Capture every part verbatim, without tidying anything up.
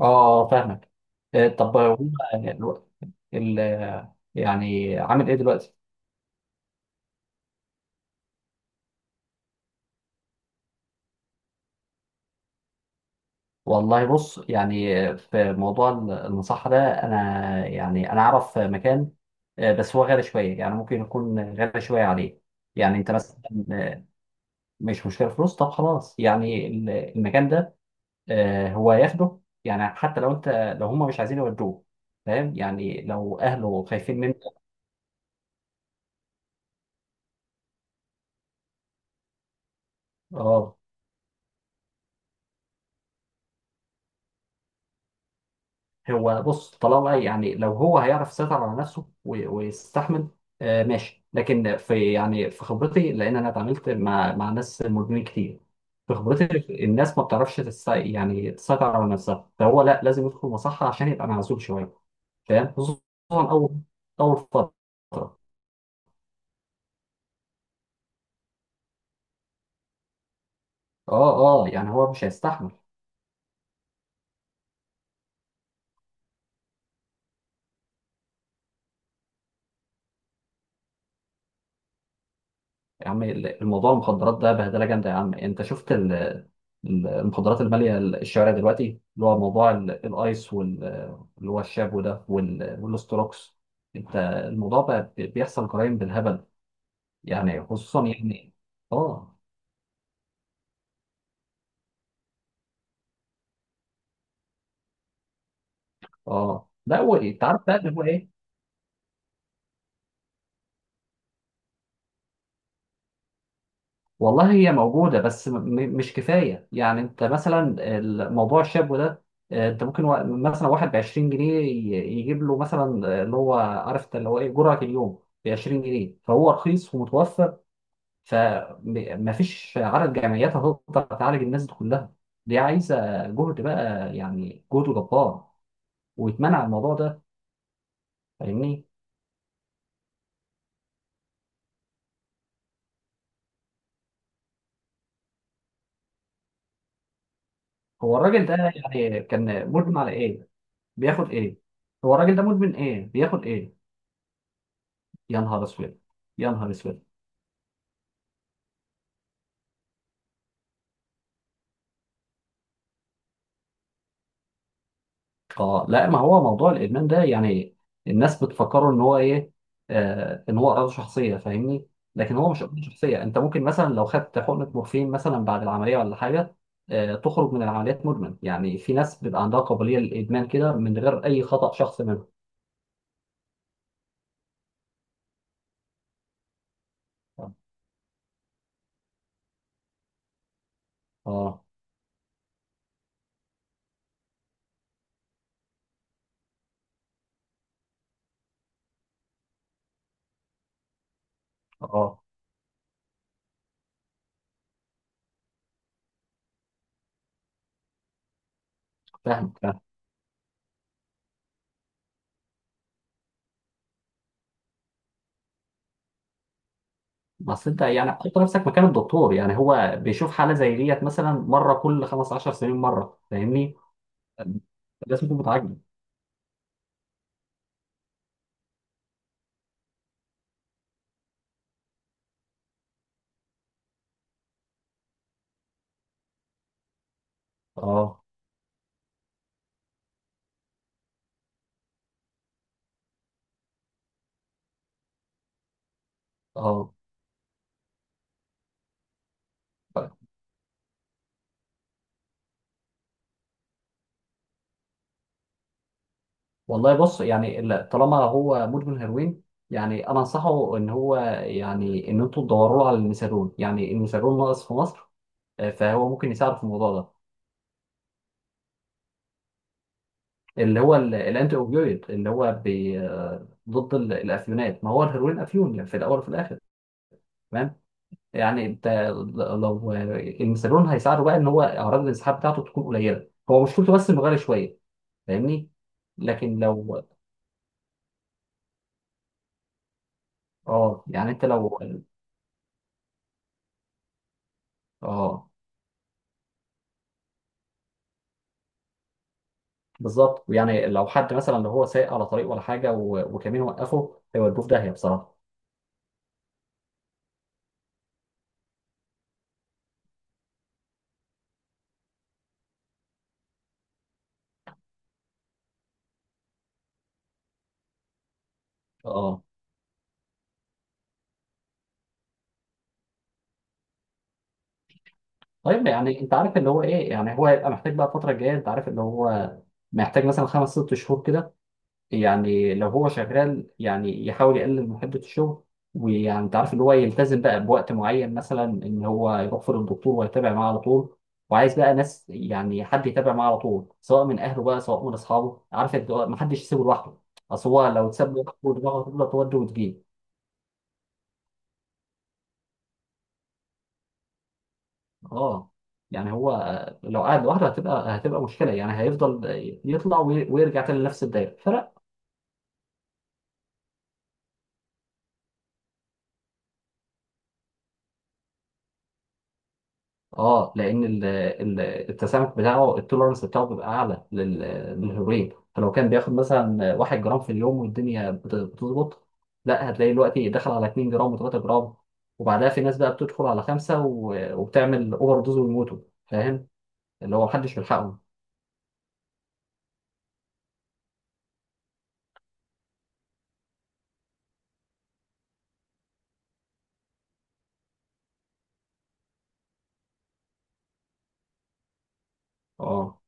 اه، فاهمك. آه، طب هو الو- ال يعني عامل ايه دلوقتي؟ والله بص، يعني في موضوع المصحة ده، انا يعني انا اعرف مكان. آه، بس هو غالي شوية، يعني ممكن يكون غالي شوية عليه. يعني انت مثلا، آه، مش مشكلة فلوس. طب خلاص، يعني ال- المكان ده. آه، هو هياخده، يعني حتى لو انت لو هم مش عايزين يودوه. فاهم؟ يعني لو اهله خايفين منك. اه، هو بص، طالما يعني لو هو هيعرف يسيطر على نفسه و- ويستحمل. آه، ماشي. لكن في، يعني في خبرتي، لان انا اتعاملت مع مع ناس مدمنين كتير. في خبرتي الناس ما بتعرفش تس- يعني تسيطر على نفسها، فهو لا، لازم يدخل مصحة عشان يبقى معزول شوية. فاهم؟ خصوصا اول اول فترة. اه، اه، يعني هو مش هيستحمل. يا عم، الموضوع المخدرات ده بهدله جامده. يا عم انت شفت ال- ال- المخدرات الماليه الشوارع دلوقتي، اللي هو موضوع ال- الايس وال- اللي هو الشابو ده وال- والاستروكس. انت الموضوع بقى، بي- بيحصل جرائم بالهبل. يعني خصوصا يعني، اه، اه، لا، هو انت عارف بقى اللي هو ايه. والله هي موجودة، بس م- م- مش كفاية. يعني انت مثلا الموضوع الشاب ده، آه، انت ممكن وا- مثلا واحد ب عشرين جنيه ي- يجيب له مثلا، آه، اللي هو عارف انت اللي هو ايه، جرعة اليوم ب عشرين جنيه، فهو رخيص ومتوفر. فمفيش عدد جمعيات هتقدر تعالج الناس دي كلها. دي عايزة جهد بقى، يعني جهد جبار، ويتمنع الموضوع ده. فاهمني؟ هو الراجل ده يعني كان مدمن على ايه؟ بياخد ايه؟ هو الراجل ده مدمن ايه؟ بياخد ايه؟ يا نهار اسود! يا نهار اسود! اه، لا، ما هو موضوع الادمان ده يعني الناس بتفكره ان هو ايه، آه ان هو امراض شخصيه. فاهمني؟ لكن هو مش امراض شخصيه. انت ممكن مثلا لو خدت حقنه مورفين مثلا بعد العمليه ولا حاجه، آه تخرج من العمليات مدمن. يعني في ناس بيبقى عندها قابليه للادمان كده من غير اي خطا شخص منهم. اه، اه، فاهم، فاهم. بس انت، يعني حط نفسك مكان الدكتور، يعني هو بيشوف حاله زي ديت مثلا مره كل خمسة عشر سنين مره. فاهمني؟ لازم تكون متعجب. اه، اه، طيب. والله بص، يعني ال- طالما هو مدمن هيروين، يعني انا انصحه ان هو، يعني ان انتوا تدوروا له على الميثادون. يعني الميثادون ناقص في مصر، آه، فهو ممكن يساعد في الموضوع ده. اللي هو ال- الانتي اوبيويد، اللي هو بي آه، ضد ال- الافيونات. ما هو الهيروين افيون يعني في الاول وفي الاخر. تمام. يعني انت ل- لو، آه، الميثادون هيساعده بقى ان هو اعراض الانسحاب بتاعته تكون قليله. هو مشكلته بس انه غالي شويه. فاهمني؟ لكن لو، اه، يعني انت لو، اه، بالظبط. يعني لو حد مثلا، لو هو سايق على طريق ولا حاجه و- وكمين وقفه، هيودوه في داهيه بصراحه. اه، طيب. يعني انت عارف اللي هو ايه، يعني هو هيبقى محتاج بقى الفتره الجايه، انت عارف اللي هو محتاج مثلا خمس ست شهور كده. يعني لو هو شغال يعني يحاول يقلل من حدة الشغل، ويعني انت عارف اللي هو، يلتزم بقى بوقت معين مثلا ان هو يروح فيه للدكتور ويتابع معاه على طول. وعايز بقى ناس، يعني حد يتابع معاه على طول سواء من اهله بقى سواء من اصحابه. عارف انت، ما حدش يسيبه لوحده. اصل هو لو اتساب لوحده، دماغه هتفضل تودي وتجيب. اه، يعني هو، آه، لو قعد لوحده هتبقى هتبقى مشكله. يعني هيفضل يطلع وي- ويرجع تاني لنفس الدايره. فلا. اه، لان ال- ال- التسامح بتاعه، التولرنس بتاعه، بيبقى اعلى لل- للهيروين. فلو كان بياخد مثلا واحد جرام في اليوم والدنيا بت- بتظبط، لا، هتلاقي دلوقتي دخل على 2 جرام و3 جرام، وبعدها في ناس بقى بتدخل على خمسة و- وبتعمل اوفر دوز ويموتوا. فاهم؟ اللي هو محدش بيلحقهم. اه،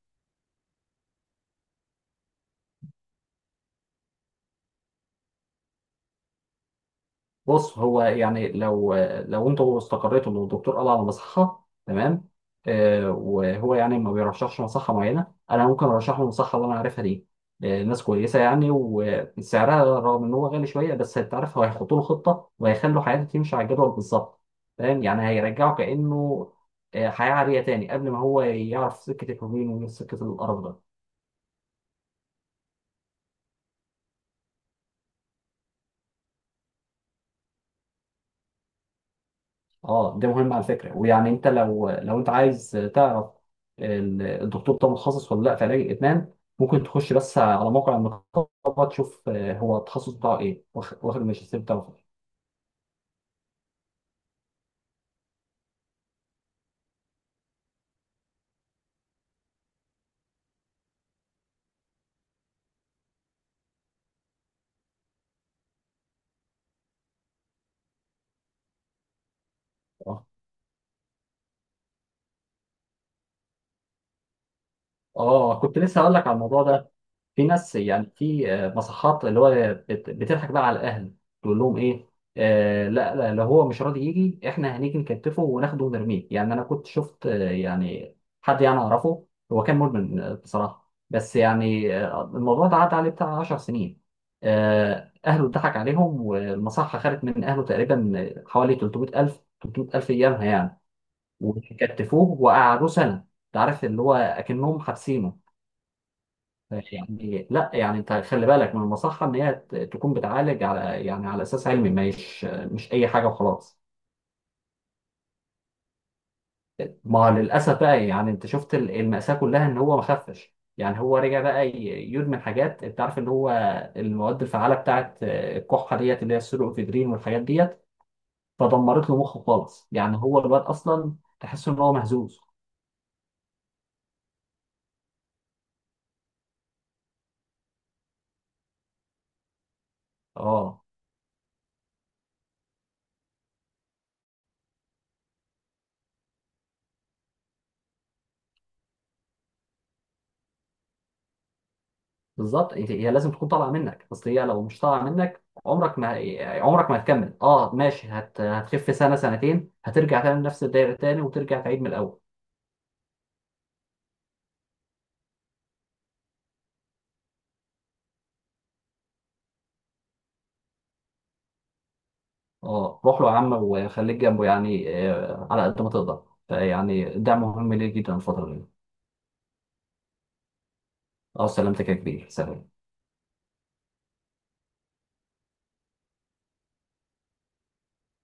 بص، هو يعني لو لو انتوا استقريتوا ان الدكتور قال على مصحه، تمام. آه وهو يعني ما بيرشحش مصحه معينه، انا ممكن ارشح له المصحه اللي انا عارفها دي. آه ناس كويسه، يعني وسعرها رغم ان هو غالي شويه، بس انت عارف هو هيحطوا له خطه وهيخلوا حياته تمشي على الجدول بالظبط. فاهم؟ يعني هيرجعه كانه، آه، حياه عاديه تاني قبل ما هو يعرف سكه الهجوم وسكه القرف ده. اه، ده مهم على فكره. ويعني انت لو لو انت عايز تعرف ال- الدكتور ده متخصص ولا لا في علاج الادمان، ممكن تخش بس على موقع النقابه، تشوف آه، هو التخصص بتاعه ايه واخ- واخد الماجستير بتاعه في إيه. اه، اه، كنت لسه هقول لك على الموضوع ده. في ناس، يعني في آه، مصحات اللي هو بت- بتضحك بقى على الاهل، تقول لهم ايه، آه لا، لا، لو هو مش راضي يجي احنا هنيجي نكتفه وناخده ونرميه. يعني انا كنت شفت، آه، يعني حد يعني اعرفه، هو كان مدمن آه، بصراحه، بس يعني آه، الموضوع ده عدى عليه بتاع 10 سنين. آه اهله اتضحك عليهم، والمصحه خدت من اهله تقريبا حوالي تلتميت الف تلتميت الف ايامها يعني. وكتفوه وقعدوه سنه. انت عارف اللي هو اكنهم حابسينه. ماشي يعني، لا، يعني انت خلي بالك من المصحه ان هي ت- تكون بتعالج على، يعني على اساس علمي، مش مش اي حاجه وخلاص. ما للاسف بقى، يعني انت شفت ال- المأساة كلها ان هو ما خفش. يعني هو رجع بقى ي- يدمن حاجات، انت عارف اللي هو المواد الفعاله بتاعت آه، الكحه ديت اللي هي السيلوكفيدرين والحاجات ديت. فدمرت له مخه خالص. يعني هو الواد اصلا تحس ان هو مهزوز. اه، بالظبط. انت- هي لازم تكون طالعه منك. اصل هي لو مش طالعه منك، عمرك ما عمرك ما هتكمل. اه، ماشي، هت... هتخف سنه سنتين، هترجع تاني لنفس الدايره تاني وترجع تعيد من الاول. اه، روح له يا عم وخليك جنبه، يعني آه على قد ما تقدر. فيعني ده مهم ليه جدا الفتره دي. اه، سلامتك يا كبير. سلام.